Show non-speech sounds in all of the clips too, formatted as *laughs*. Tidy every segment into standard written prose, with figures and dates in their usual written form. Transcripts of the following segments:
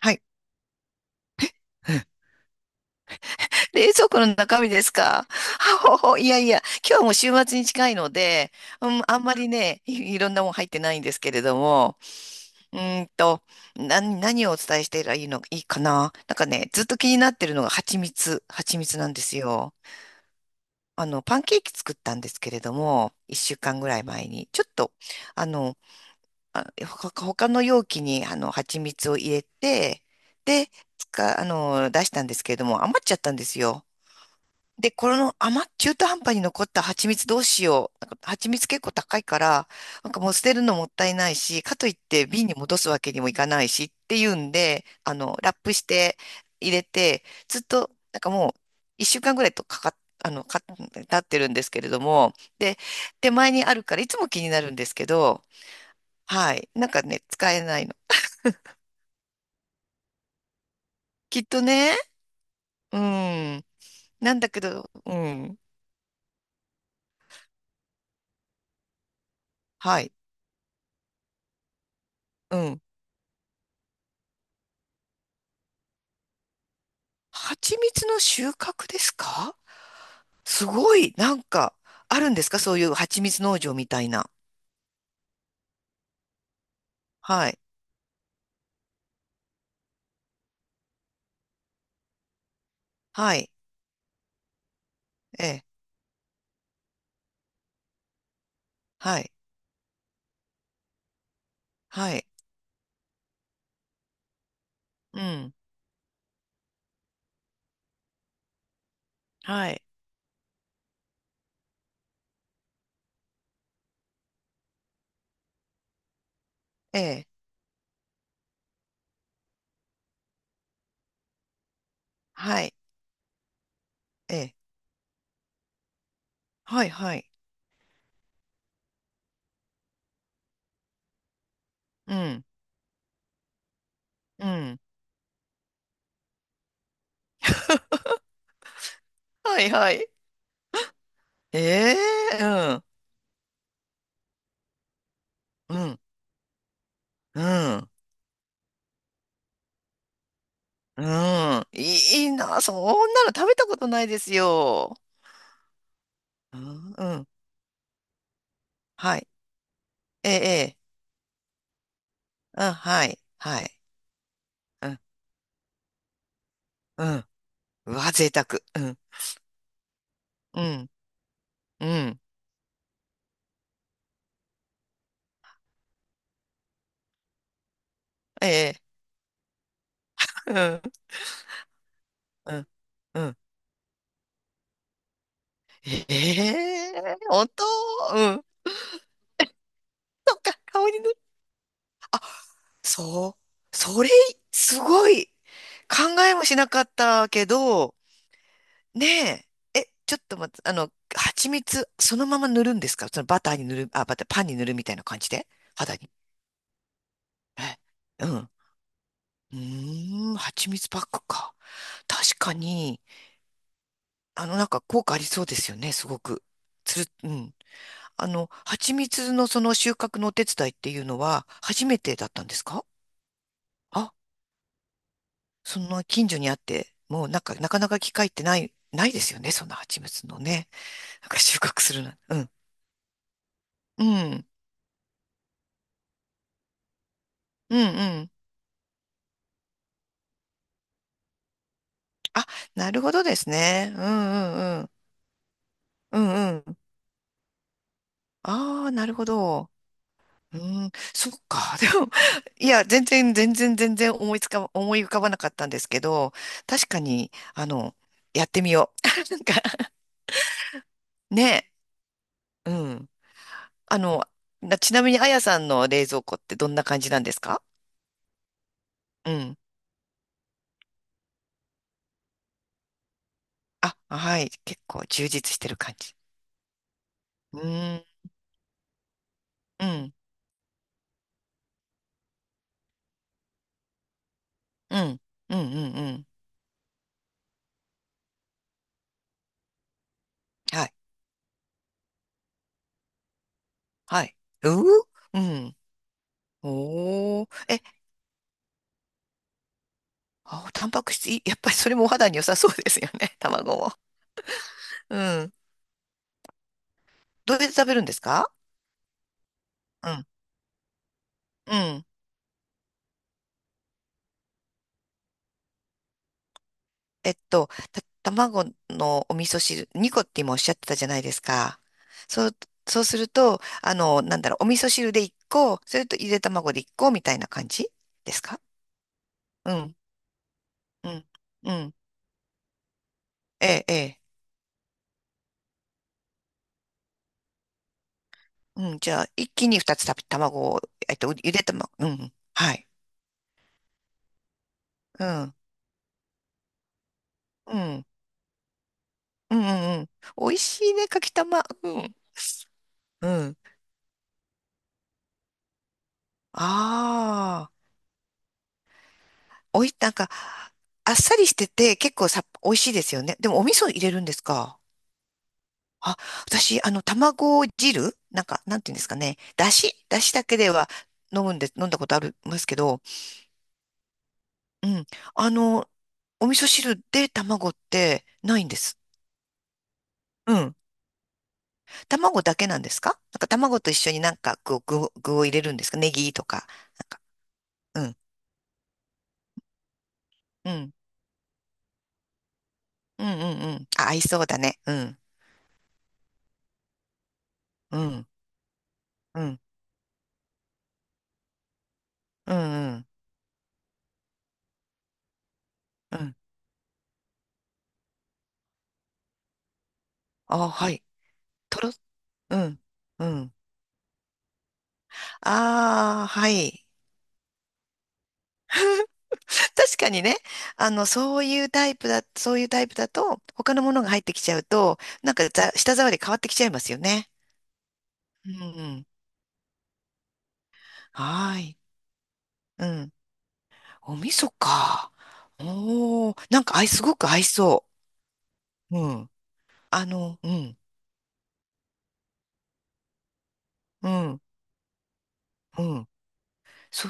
はい。*laughs* 冷蔵庫の中身ですかあ？ほほ *laughs* いやいや、今日はもう週末に近いので、うん、あんまりね、いろんなもん入ってないんですけれども、うーんと、何をお伝えしてらいいの、いいかななんかね、ずっと気になってるのが蜂蜜、蜂蜜なんですよ。パンケーキ作ったんですけれども、一週間ぐらい前に、ちょっと、あの、他の容器に、蜂蜜を入れて、で、つか、あの、出したんですけれども、余っちゃったんですよ。で、この余っ、中途半端に残った蜂蜜どうしよう。なんか蜂蜜結構高いから、なんかもう捨てるのもったいないし、かといって瓶に戻すわけにもいかないしっていうんで、ラップして入れて、ずっと、なんかもう一週間ぐらいとか経ってるんですけれども、で、手前にあるからいつも気になるんですけど、はい。なんかね、使えないの。きっとね、うん。なんだけど、うん。はい。うん。蜂蜜の収穫ですか？すごい、なんか、あるんですか？そういう蜂蜜農場みたいな。はい。はい。ええ。はい。はい。うん。はい。ええ。はい。ええ。はい。はい。うん。うん。はい。はい。ええ。うん。うん。うん。うん。いいいな。そんなの食べたことないですよ。うん。うん。はい。ええ。ええ。うん。はい。はい。うん。うん。うわ、贅沢。うん。うん。うん。ええ。うん。うん。うん。ええー。本当？うん。そっか、顔に塗る。あ、そう。それ、すごい。考えもしなかったけど、ねえ。え、ちょっと待って、蜂蜜、そのまま塗るんですか？そのバターに塗る、あ、バター、パンに塗るみたいな感じで。肌に。え、うん。うーん、蜂蜜パックか。確かに、なんか効果ありそうですよね、すごく。うん。蜂蜜のその収穫のお手伝いっていうのは初めてだったんですか？あ、その近所にあって、もうなんか、なかなか機会ってない、ないですよね、そんな蜂蜜のね。なんか収穫するな。うんうん。うんうん。あ、なるほどですね。うんうんうん。うんうん。ああ、なるほど。うん、そっか。*laughs* でも、いや、全然、全然、全然思い浮かばなかったんですけど、確かに、やってみよう。*laughs* なんか、ね、うん。あの、ちなみに、あやさんの冷蔵庫ってどんな感じなんですか？うん。あ、はい。結構充実してる感じ。うーん、うん、うん、うん、うん、うん。はい、はい。うーうん。おー。え、あ、タンパク質いい、*laughs* やっぱりそれもお肌に良さそうですよね。*laughs* 卵も。うん。どうやって食べるんですか？うん、うん。卵のお味噌汁、2個って今おっしゃってたじゃないですか。そう、そうすると、なんだろう、お味噌汁で1個、それとゆで卵で1個みたいな感じですか？うん、うん、うん。ええ、え。うん、じゃあ、一気に二つた卵を、ゆで卵、うん、はい。うん、うん、うん、うん。うん。美味しいね、かきたま。うん、うん。ああ、おい、なんか、あっさりしてて、結構さ、美味しいですよね。でも、お味噌入れるんですか？あ、私、卵汁なんか、なんていうんですかね。だしだけでは飲むんで、飲んだことありますけど、うん。あの、お味噌汁で卵ってないんです。うん。卵だけなんですか？なんか卵と一緒になんかこう具を入れるんですか？ネギとか。なんか、うん、うん、うん、うん、うん。あ、合いそうだね。うん、うん、うん、うん、うん、うん。あ、はい。とろ、うん、うん。ああ、はい。*laughs* 確かにね、あの、そういうタイプだ、そういうタイプだと、他のものが入ってきちゃうと、なんか舌触り変わってきちゃいますよね。うん、うん。はーい。うん。お味噌か。おー、なんか合い、すごく合いそう。うん。うん、うん、うん。そ、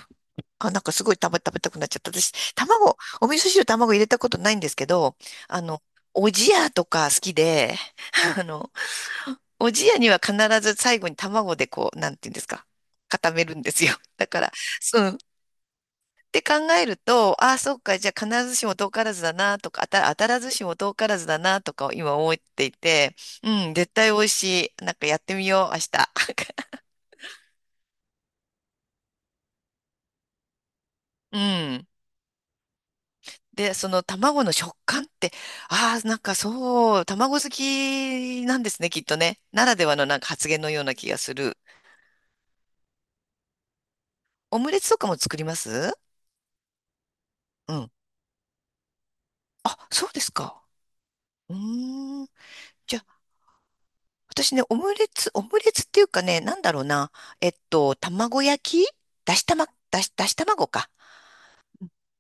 なんかすごい食べたくなっちゃった。私、卵、お味噌汁卵入れたことないんですけど、あの、おじやとか好きで、*laughs* あの、おじやには必ず最後に卵でこう、なんていうんですか、固めるんですよ。だから、そうって考えると、ああ、そうか、じゃあ必ずしも遠からずだなとか、当たらずしも遠からずだなとかを今思っていて、うん、絶対美味しい。なんかやってみよう、明日。*laughs* うん。で、その卵の食感って、ああ、なんかそう、卵好きなんですね、きっとね。ならではのなんか発言のような気がする。オムレツとかも作りますうん。あ、そうですか。うーん。じゃあ私ね、オムレツっていうかね、なんだろうな。卵焼きだし玉、だし卵か。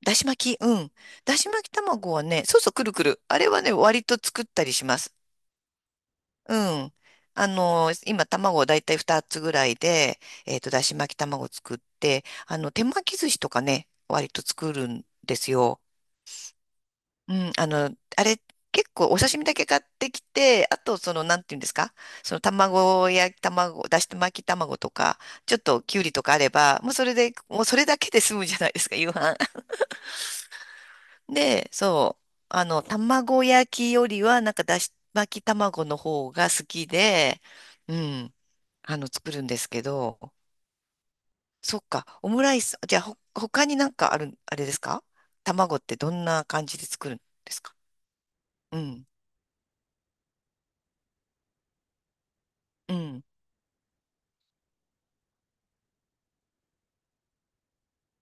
だし巻き、うん。だし巻き卵はね、そうそう、くるくる。あれはね、割と作ったりします。うん。今、卵をだいたい2つぐらいで、だし巻き卵作って、手巻き寿司とかね、割と作るんですよ。うん、あれ、結構お刺身だけ買ってきて、あと、その、なんていうんですか、その卵、だし巻き卵とか、ちょっときゅうりとかあれば、もうそれで、もうそれだけで済むじゃないですか、夕飯。*laughs* で、そう、卵焼きよりは、なんかだし巻き卵の方が好きで、うん、作るんですけど、そっか、オムライス、じゃあ、他になんかある、あれですか？卵ってどんな感じで作るんですか？うん、うん、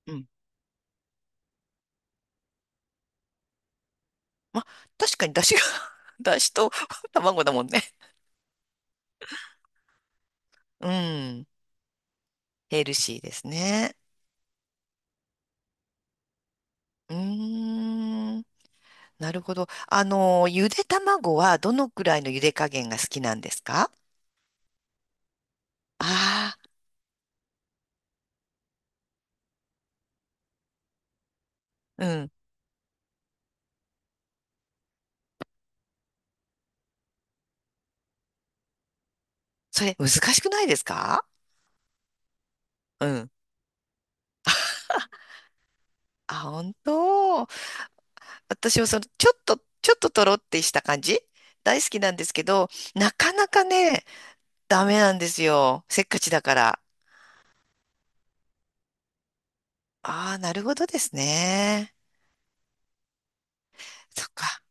うん。まあ、確かに出汁が *laughs* 出汁と *laughs* 卵だもんね。うん。ヘルシーですね。うーん。なるほど。ゆで卵はどのくらいのゆで加減が好きなんですか？ああー、うん。それ難しくないですか？うん。あ、本当？私はその、ちょっととろってした感じ大好きなんですけど、なかなかね、ダメなんですよ。せっかちだから。ああ、なるほどですね。そっか。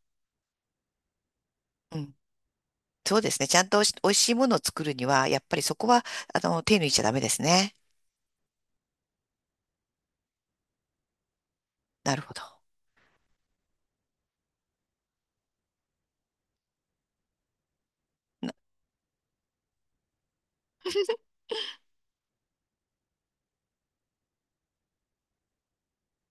そうですね。ちゃんとおいし美味しいものを作るには、やっぱりそこは、手抜いちゃダメですね。なるほど。